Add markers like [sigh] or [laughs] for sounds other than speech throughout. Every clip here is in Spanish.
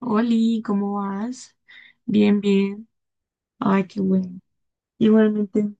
Oli, ¿cómo vas? Bien, bien. Ay, qué bueno. Igualmente,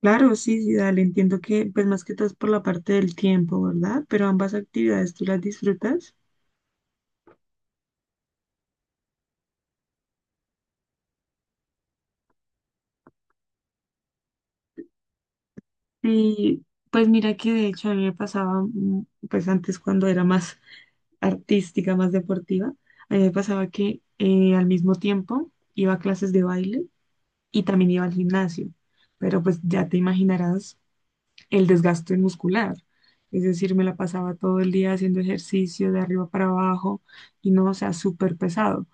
claro, sí, sí, dale. Entiendo que, pues más que todo es por la parte del tiempo, ¿verdad? Pero ambas actividades tú las disfrutas. Y pues mira que de hecho a mí me pasaba, pues antes cuando era más [laughs] artística, más deportiva, a mí me pasaba que al mismo tiempo iba a clases de baile y también iba al gimnasio. Pero pues ya te imaginarás el desgaste muscular. Es decir, me la pasaba todo el día haciendo ejercicio de arriba para abajo y no, o sea, súper pesado.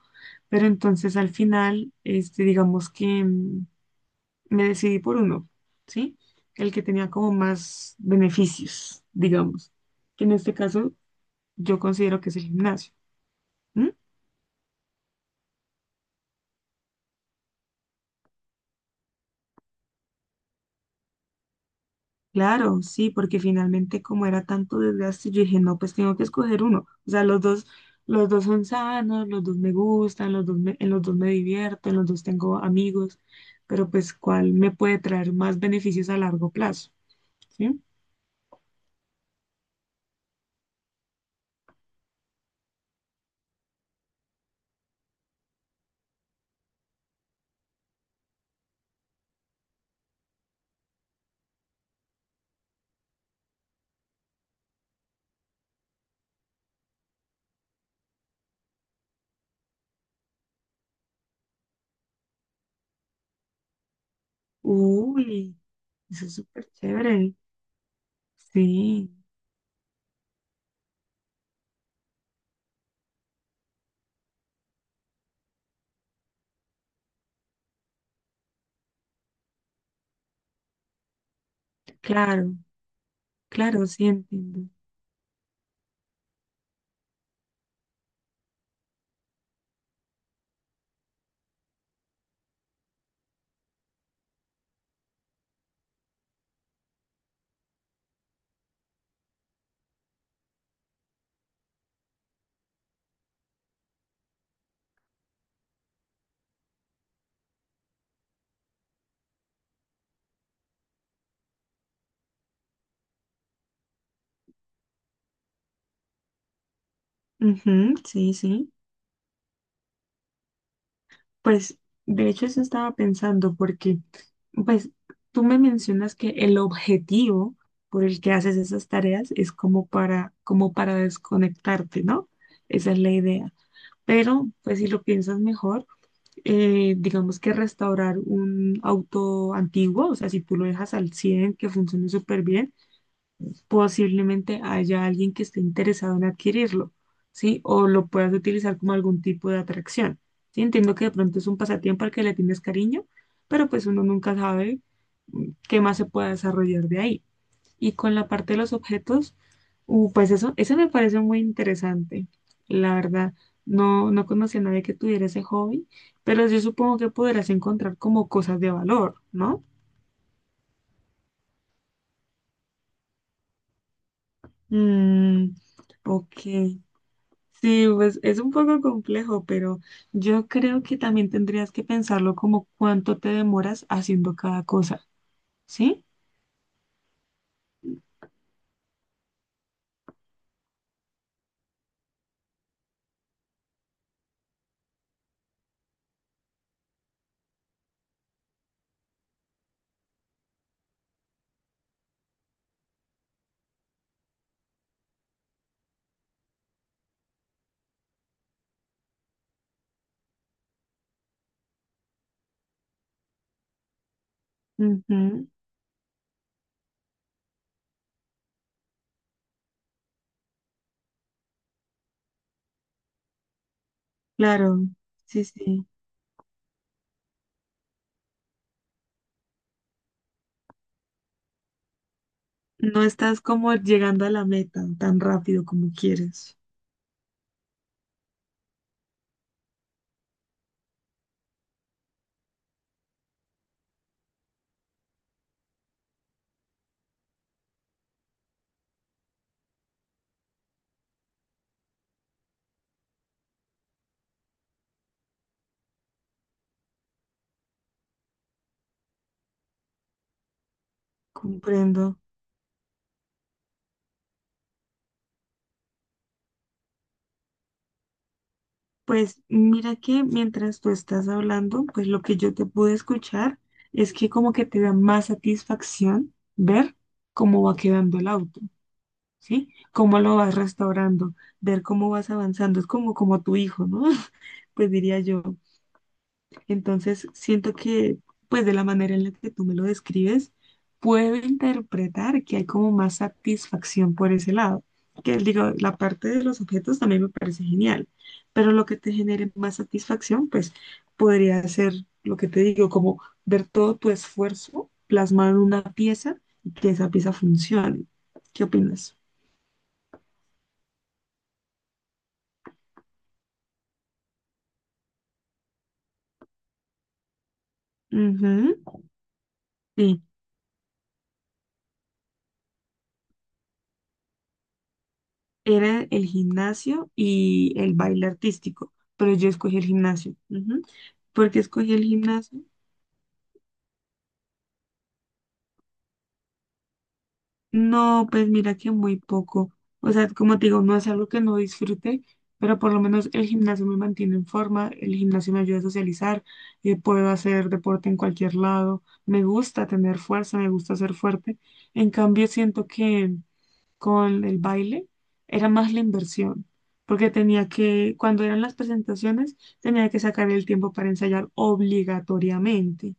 Pero entonces al final, este, digamos que mm, me decidí por uno, ¿sí? El que tenía como más beneficios, digamos, que en este caso yo considero que es el gimnasio. ¿M? Claro, sí, porque finalmente como era tanto desgaste, yo dije, no, pues tengo que escoger uno. O sea, los dos son sanos, los dos me gustan, los dos me- en los dos me divierto, en los dos tengo amigos, pero pues ¿cuál me puede traer más beneficios a largo plazo? ¿Sí? Uy, eso es súper chévere. Sí, claro, claro, sí entiendo. Ujú, sí, sí. Pues, de hecho, eso estaba pensando porque, pues, tú me mencionas que el objetivo por el que haces esas tareas es como para, como para desconectarte, ¿no? Esa es la idea. Pero, pues, si lo piensas mejor, digamos que restaurar un auto antiguo, o sea, si tú lo dejas al 100 que funcione súper bien, posiblemente haya alguien que esté interesado en adquirirlo, ¿sí? O lo puedas utilizar como algún tipo de atracción, ¿sí? Entiendo que de pronto es un pasatiempo al que le tienes cariño, pero pues uno nunca sabe qué más se pueda desarrollar de ahí. Y con la parte de los objetos, pues eso me parece muy interesante, la verdad. No, no conocí a nadie que tuviera ese hobby, pero yo supongo que podrás encontrar como cosas de valor, ¿no? Mm, ok. Sí, pues es un poco complejo, pero yo creo que también tendrías que pensarlo como cuánto te demoras haciendo cada cosa, ¿sí? Ujú, claro, sí, sí. No estás como llegando a la meta tan rápido como quieres. Comprendo. Pues mira que mientras tú estás hablando, pues lo que yo te pude escuchar es que como que te da más satisfacción ver cómo va quedando el auto. ¿Sí? Cómo lo vas restaurando, ver cómo vas avanzando, es como, como tu hijo, ¿no? [laughs] Pues diría yo. Entonces, siento que, pues de la manera en la que tú me lo describes, puedo interpretar que hay como más satisfacción por ese lado. Que digo, la parte de los objetos también me parece genial, pero lo que te genere más satisfacción, pues podría ser lo que te digo, como ver todo tu esfuerzo plasmado en una pieza y que esa pieza funcione. ¿Qué opinas? Ujú. Sí, era el gimnasio y el baile artístico, pero yo escogí el gimnasio. Ujú. ¿Por qué escogí el gimnasio? No, pues mira que muy poco. O sea, como te digo, no es algo que no disfrute, pero por lo menos el gimnasio me mantiene en forma, el gimnasio me ayuda a socializar, puedo hacer deporte en cualquier lado, me gusta tener fuerza, me gusta ser fuerte. En cambio, siento que con el baile era más la inversión, porque tenía que, cuando eran las presentaciones, tenía que sacar el tiempo para ensayar obligatoriamente,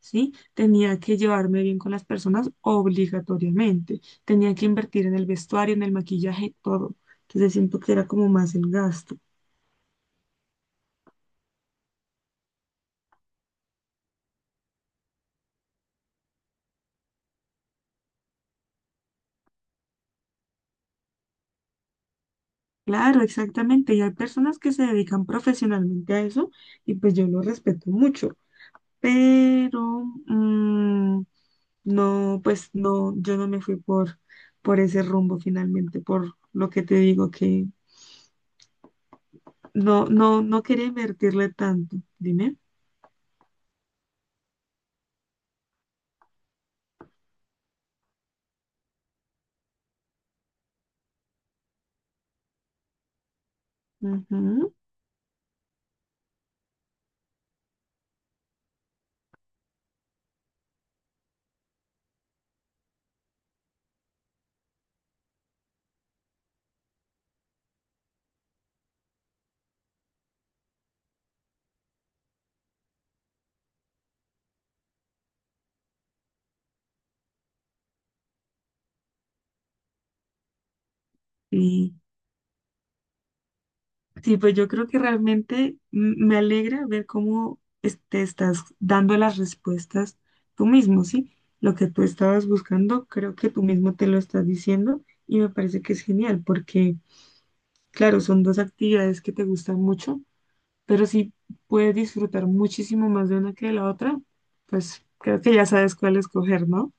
¿sí? Tenía que llevarme bien con las personas obligatoriamente, tenía que invertir en el vestuario, en el maquillaje, todo. Entonces siento que era como más el gasto. Claro, exactamente. Y hay personas que se dedican profesionalmente a eso y pues yo lo respeto mucho. Pero mm, no, pues no, yo no me fui por ese rumbo finalmente, por lo que te digo que no, no, no quería invertirle tanto. Dime. Ujú. Sí. Sí, pues yo creo que realmente m- me alegra ver cómo es- te estás dando las respuestas tú mismo, ¿sí? Lo que tú estabas buscando, creo que tú mismo te lo estás diciendo y me parece que es genial porque, claro, son dos actividades que te gustan mucho, pero si puedes disfrutar muchísimo más de una que de la otra, pues creo que ya sabes cuál escoger, ¿no?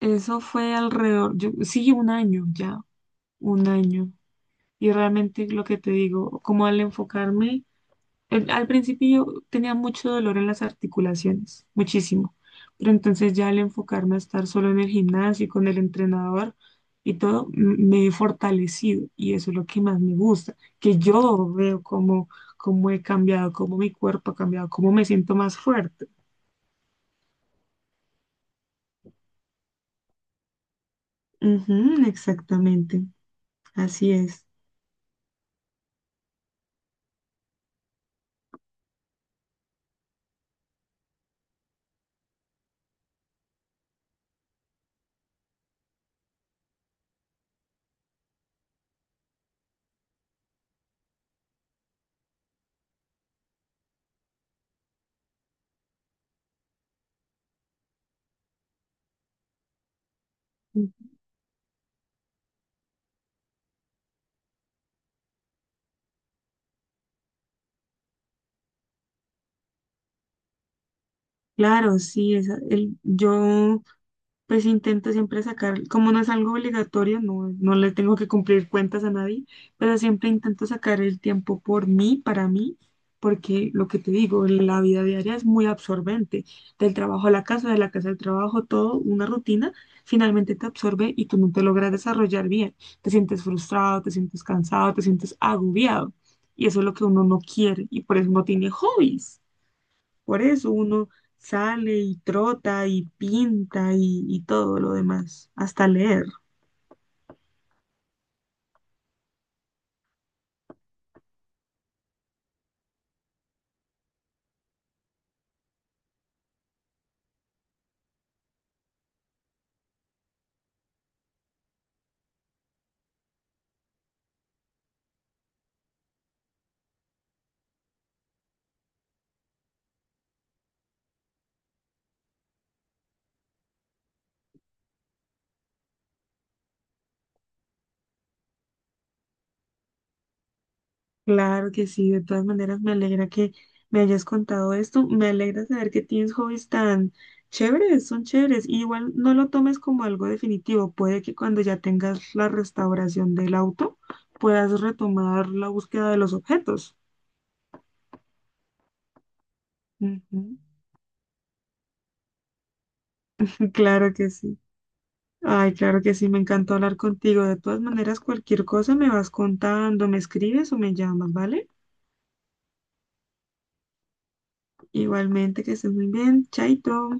Eso fue alrededor, yo, sí, un año ya, un año. Y realmente lo que te digo, como al enfocarme el- al principio yo tenía mucho dolor en las articulaciones, muchísimo, pero entonces ya al enfocarme a estar solo en el gimnasio y con el entrenador y todo, m- me he fortalecido y eso es lo que más me gusta, que yo veo cómo, cómo he cambiado, cómo mi cuerpo ha cambiado, cómo me siento más fuerte. Ujú, exactamente, así es. Claro, sí, esa- el, yo pues intento siempre sacar, como no es algo obligatorio, no, no le tengo que cumplir cuentas a nadie, pero siempre intento sacar el tiempo por mí, para mí, porque lo que te digo, la vida diaria es muy absorbente, del trabajo a la casa, de la casa al trabajo, todo, una rutina, finalmente te absorbe y tú no te logras desarrollar bien, te sientes frustrado, te sientes cansado, te sientes agobiado, y eso es lo que uno no quiere, y por eso no tiene hobbies. Por eso uno sale y trota y pinta y todo lo demás, hasta leer. Claro que sí, de todas maneras me alegra que me hayas contado esto. Me alegra saber que tienes hobbies tan chéveres, son chéveres. Y igual no lo tomes como algo definitivo. Puede que cuando ya tengas la restauración del auto puedas retomar la búsqueda de los objetos. Ujú, claro que sí. Ay, claro que sí, me encantó hablar contigo. De todas maneras, cualquier cosa me vas contando, me escribes o me llamas, ¿vale? Igualmente, que estés muy bien. Chaito.